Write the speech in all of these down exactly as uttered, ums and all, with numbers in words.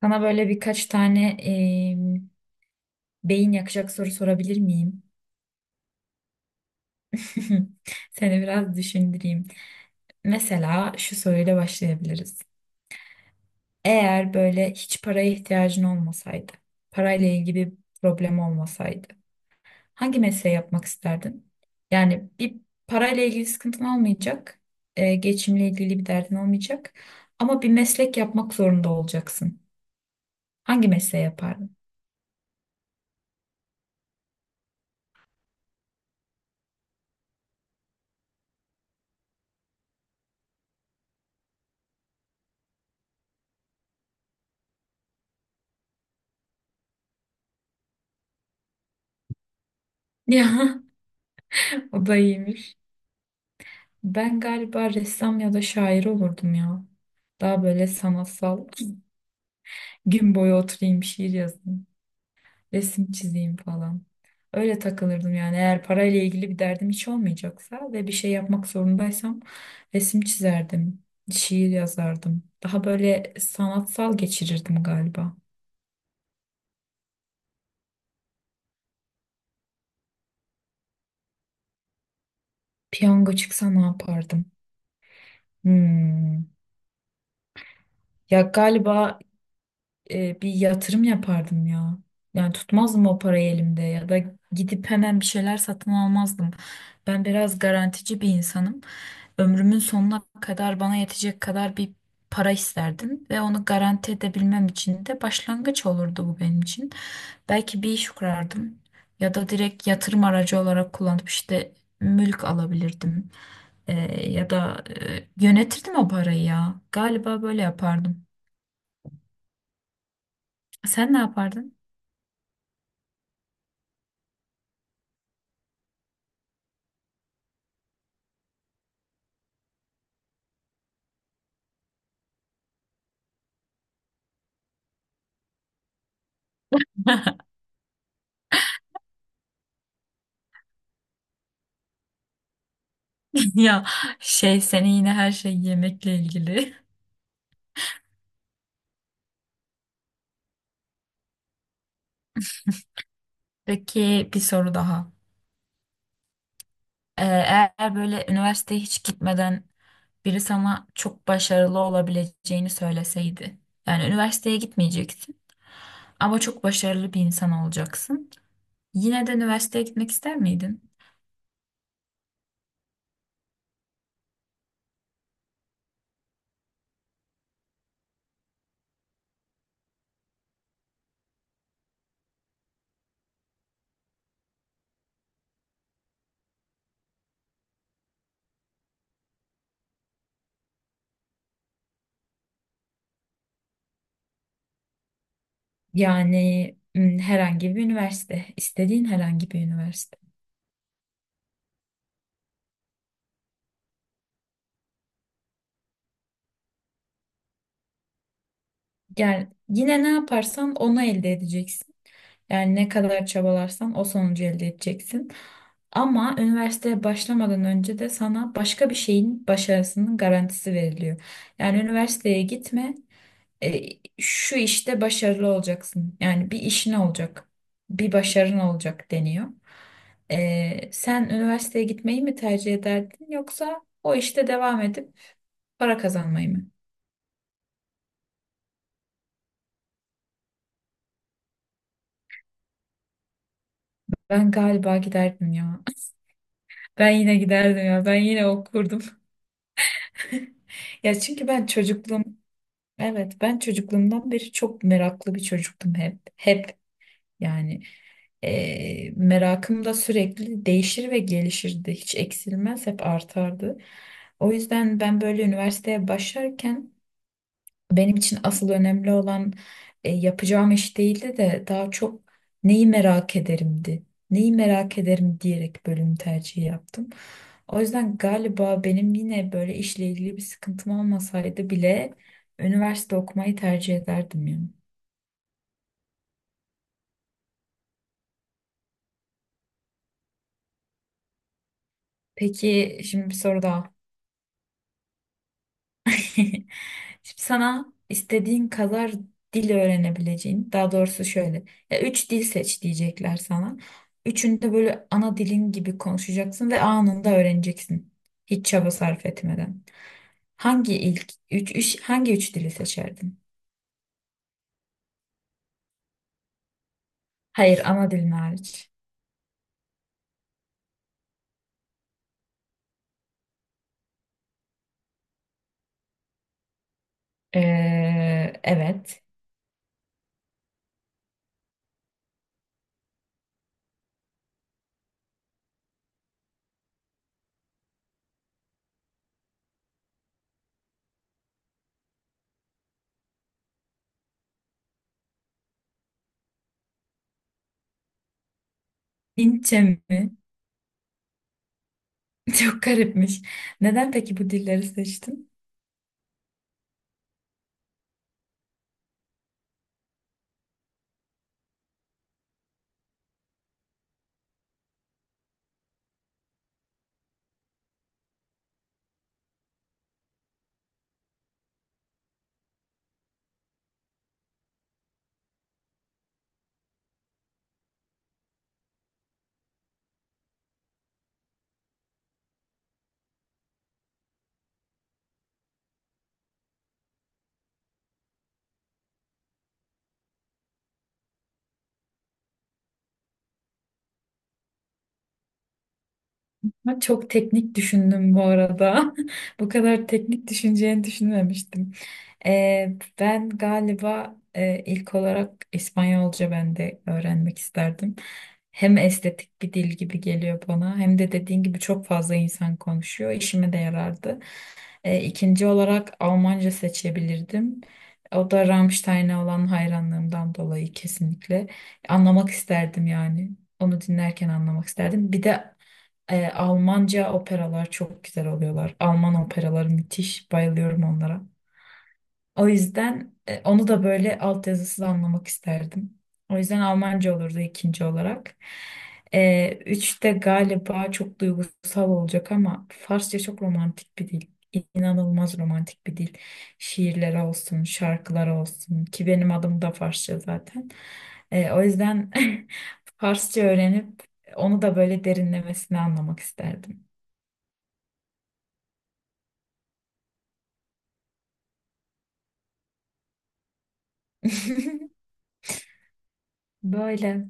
Sana böyle birkaç tane em, beyin yakacak soru sorabilir miyim? Seni biraz düşündüreyim. Mesela şu soruyla başlayabiliriz. Eğer böyle hiç paraya ihtiyacın olmasaydı, parayla ilgili bir problem olmasaydı, hangi mesleği yapmak isterdin? Yani bir parayla ilgili sıkıntın olmayacak, e, geçimle ilgili bir derdin olmayacak ama bir meslek yapmak zorunda olacaksın. Hangi mesleği yapardın? Ya, o da iyiymiş. Ben galiba ressam ya da şair olurdum ya. Daha böyle sanatsal. Gün boyu oturayım, şiir yazayım, resim çizeyim falan. Öyle takılırdım yani. Eğer parayla ilgili bir derdim hiç olmayacaksa ve bir şey yapmak zorundaysam resim çizerdim, şiir yazardım. Daha böyle sanatsal geçirirdim galiba. Piyango çıksa ne yapardım? Hmm. Ya galiba e, bir yatırım yapardım ya. Yani tutmazdım o parayı elimde ya da gidip hemen bir şeyler satın almazdım. Ben biraz garantici bir insanım. Ömrümün sonuna kadar bana yetecek kadar bir para isterdim ve onu garanti edebilmem için de başlangıç olurdu bu benim için. Belki bir iş kurardım ya da direkt yatırım aracı olarak kullanıp işte mülk alabilirdim. E, Ya da e, yönetirdim o parayı ya. Galiba böyle yapardım. Sen ne yapardın? Ya şey senin yine her şey yemekle ilgili. Peki bir soru daha. Ee, eğer böyle üniversiteye hiç gitmeden biri sana çok başarılı olabileceğini söyleseydi. Yani üniversiteye gitmeyeceksin ama çok başarılı bir insan olacaksın. Yine de üniversiteye gitmek ister miydin? Yani m, herhangi bir üniversite, istediğin herhangi bir üniversite. Yani yine ne yaparsan onu elde edeceksin. Yani ne kadar çabalarsan o sonucu elde edeceksin. Ama üniversiteye başlamadan önce de sana başka bir şeyin başarısının garantisi veriliyor. Yani üniversiteye gitme, e, şu işte başarılı olacaksın. Yani bir işin olacak, bir başarın olacak deniyor. E, sen üniversiteye gitmeyi mi tercih ederdin yoksa o işte devam edip para kazanmayı mı? Ben galiba giderdim ya. Ben yine giderdim ya. Ben yine okurdum. Ya çünkü ben çocukluğum. Evet, ben çocukluğumdan beri çok meraklı bir çocuktum hep. Hep yani eee, merakım da sürekli değişir ve gelişirdi. Hiç eksilmez, hep artardı. O yüzden ben böyle üniversiteye başlarken benim için asıl önemli olan e, yapacağım iş değildi de daha çok neyi merak ederimdi. Neyi merak ederim diyerek bölüm tercihi yaptım. O yüzden galiba benim yine böyle işle ilgili bir sıkıntım olmasaydı bile üniversite okumayı tercih ederdim yani. Peki şimdi bir soru daha. Şimdi sana istediğin kadar dil öğrenebileceğin, daha doğrusu şöyle, ya üç dil seç diyecekler sana. Üçünü de böyle ana dilin gibi konuşacaksın ve anında öğreneceksin. Hiç çaba sarf etmeden. Hangi ilk üç, üç- hangi üç dili seçerdin? Hayır, ana dilin hariç. Ee, evet. Hintçe mi? Çok garipmiş. Neden peki bu dilleri seçtin? Ama çok teknik düşündüm bu arada. Bu kadar teknik düşüneceğini düşünmemiştim. Ee, ben galiba e, ilk olarak İspanyolca ben de öğrenmek isterdim. Hem estetik bir dil gibi geliyor bana hem de dediğin gibi çok fazla insan konuşuyor. İşime de yarardı. Ee, ikinci olarak Almanca seçebilirdim. O da Rammstein'e olan hayranlığımdan dolayı kesinlikle. Anlamak isterdim yani. Onu dinlerken anlamak isterdim. Bir de e, Almanca operalar çok güzel oluyorlar. Alman operaları müthiş. Bayılıyorum onlara. O yüzden e, onu da böyle altyazısız anlamak isterdim. O yüzden Almanca olurdu ikinci olarak. E, üçte galiba çok duygusal olacak ama Farsça çok romantik bir dil. İnanılmaz romantik bir dil. Şiirler olsun, şarkılar olsun ki benim adım da Farsça zaten. E, o yüzden Farsça öğrenip onu da böyle derinlemesine anlamak isterdim. Böyle.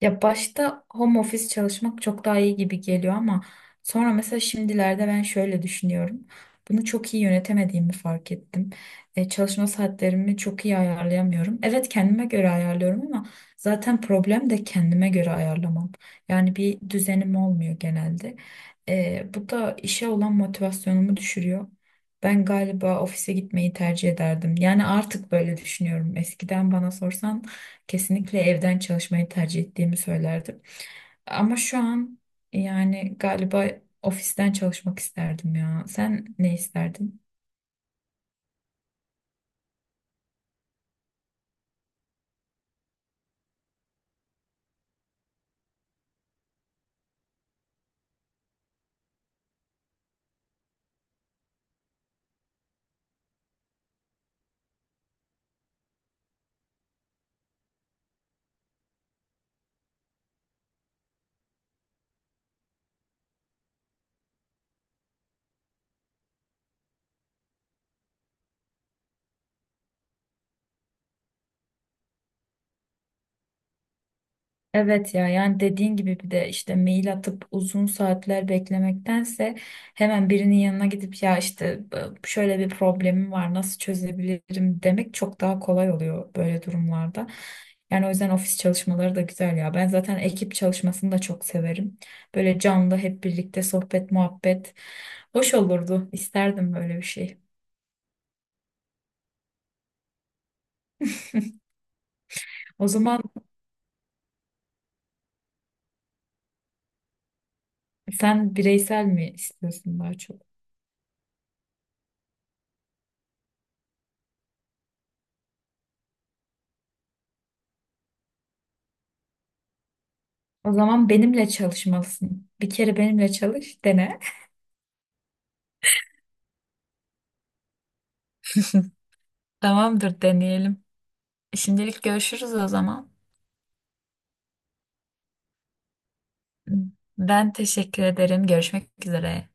Ya başta home office çalışmak çok daha iyi gibi geliyor ama sonra mesela şimdilerde ben şöyle düşünüyorum. Bunu çok iyi yönetemediğimi fark ettim. E, çalışma saatlerimi çok iyi ayarlayamıyorum. Evet, kendime göre ayarlıyorum ama zaten problem de kendime göre ayarlamam. Yani bir düzenim olmuyor genelde. E, bu da işe olan motivasyonumu düşürüyor. Ben galiba ofise gitmeyi tercih ederdim. Yani artık böyle düşünüyorum. Eskiden bana sorsan kesinlikle evden çalışmayı tercih ettiğimi söylerdim. Ama şu an yani galiba ofisten çalışmak isterdim ya. Sen ne isterdin? Evet ya, yani dediğin gibi bir de işte mail atıp uzun saatler beklemektense hemen birinin yanına gidip ya işte e, şöyle bir problemim var, nasıl çözebilirim demek çok daha kolay oluyor böyle durumlarda. Yani o yüzden ofis çalışmaları da güzel ya. Ben zaten ekip çalışmasını da çok severim. Böyle canlı hep birlikte sohbet muhabbet hoş olurdu. İsterdim böyle bir şey. O zaman sen bireysel mi istiyorsun daha çok? O zaman benimle çalışmalısın. Bir kere benimle çalış, dene. Tamamdır, deneyelim. Şimdilik görüşürüz o zaman. Ben teşekkür ederim. Görüşmek üzere.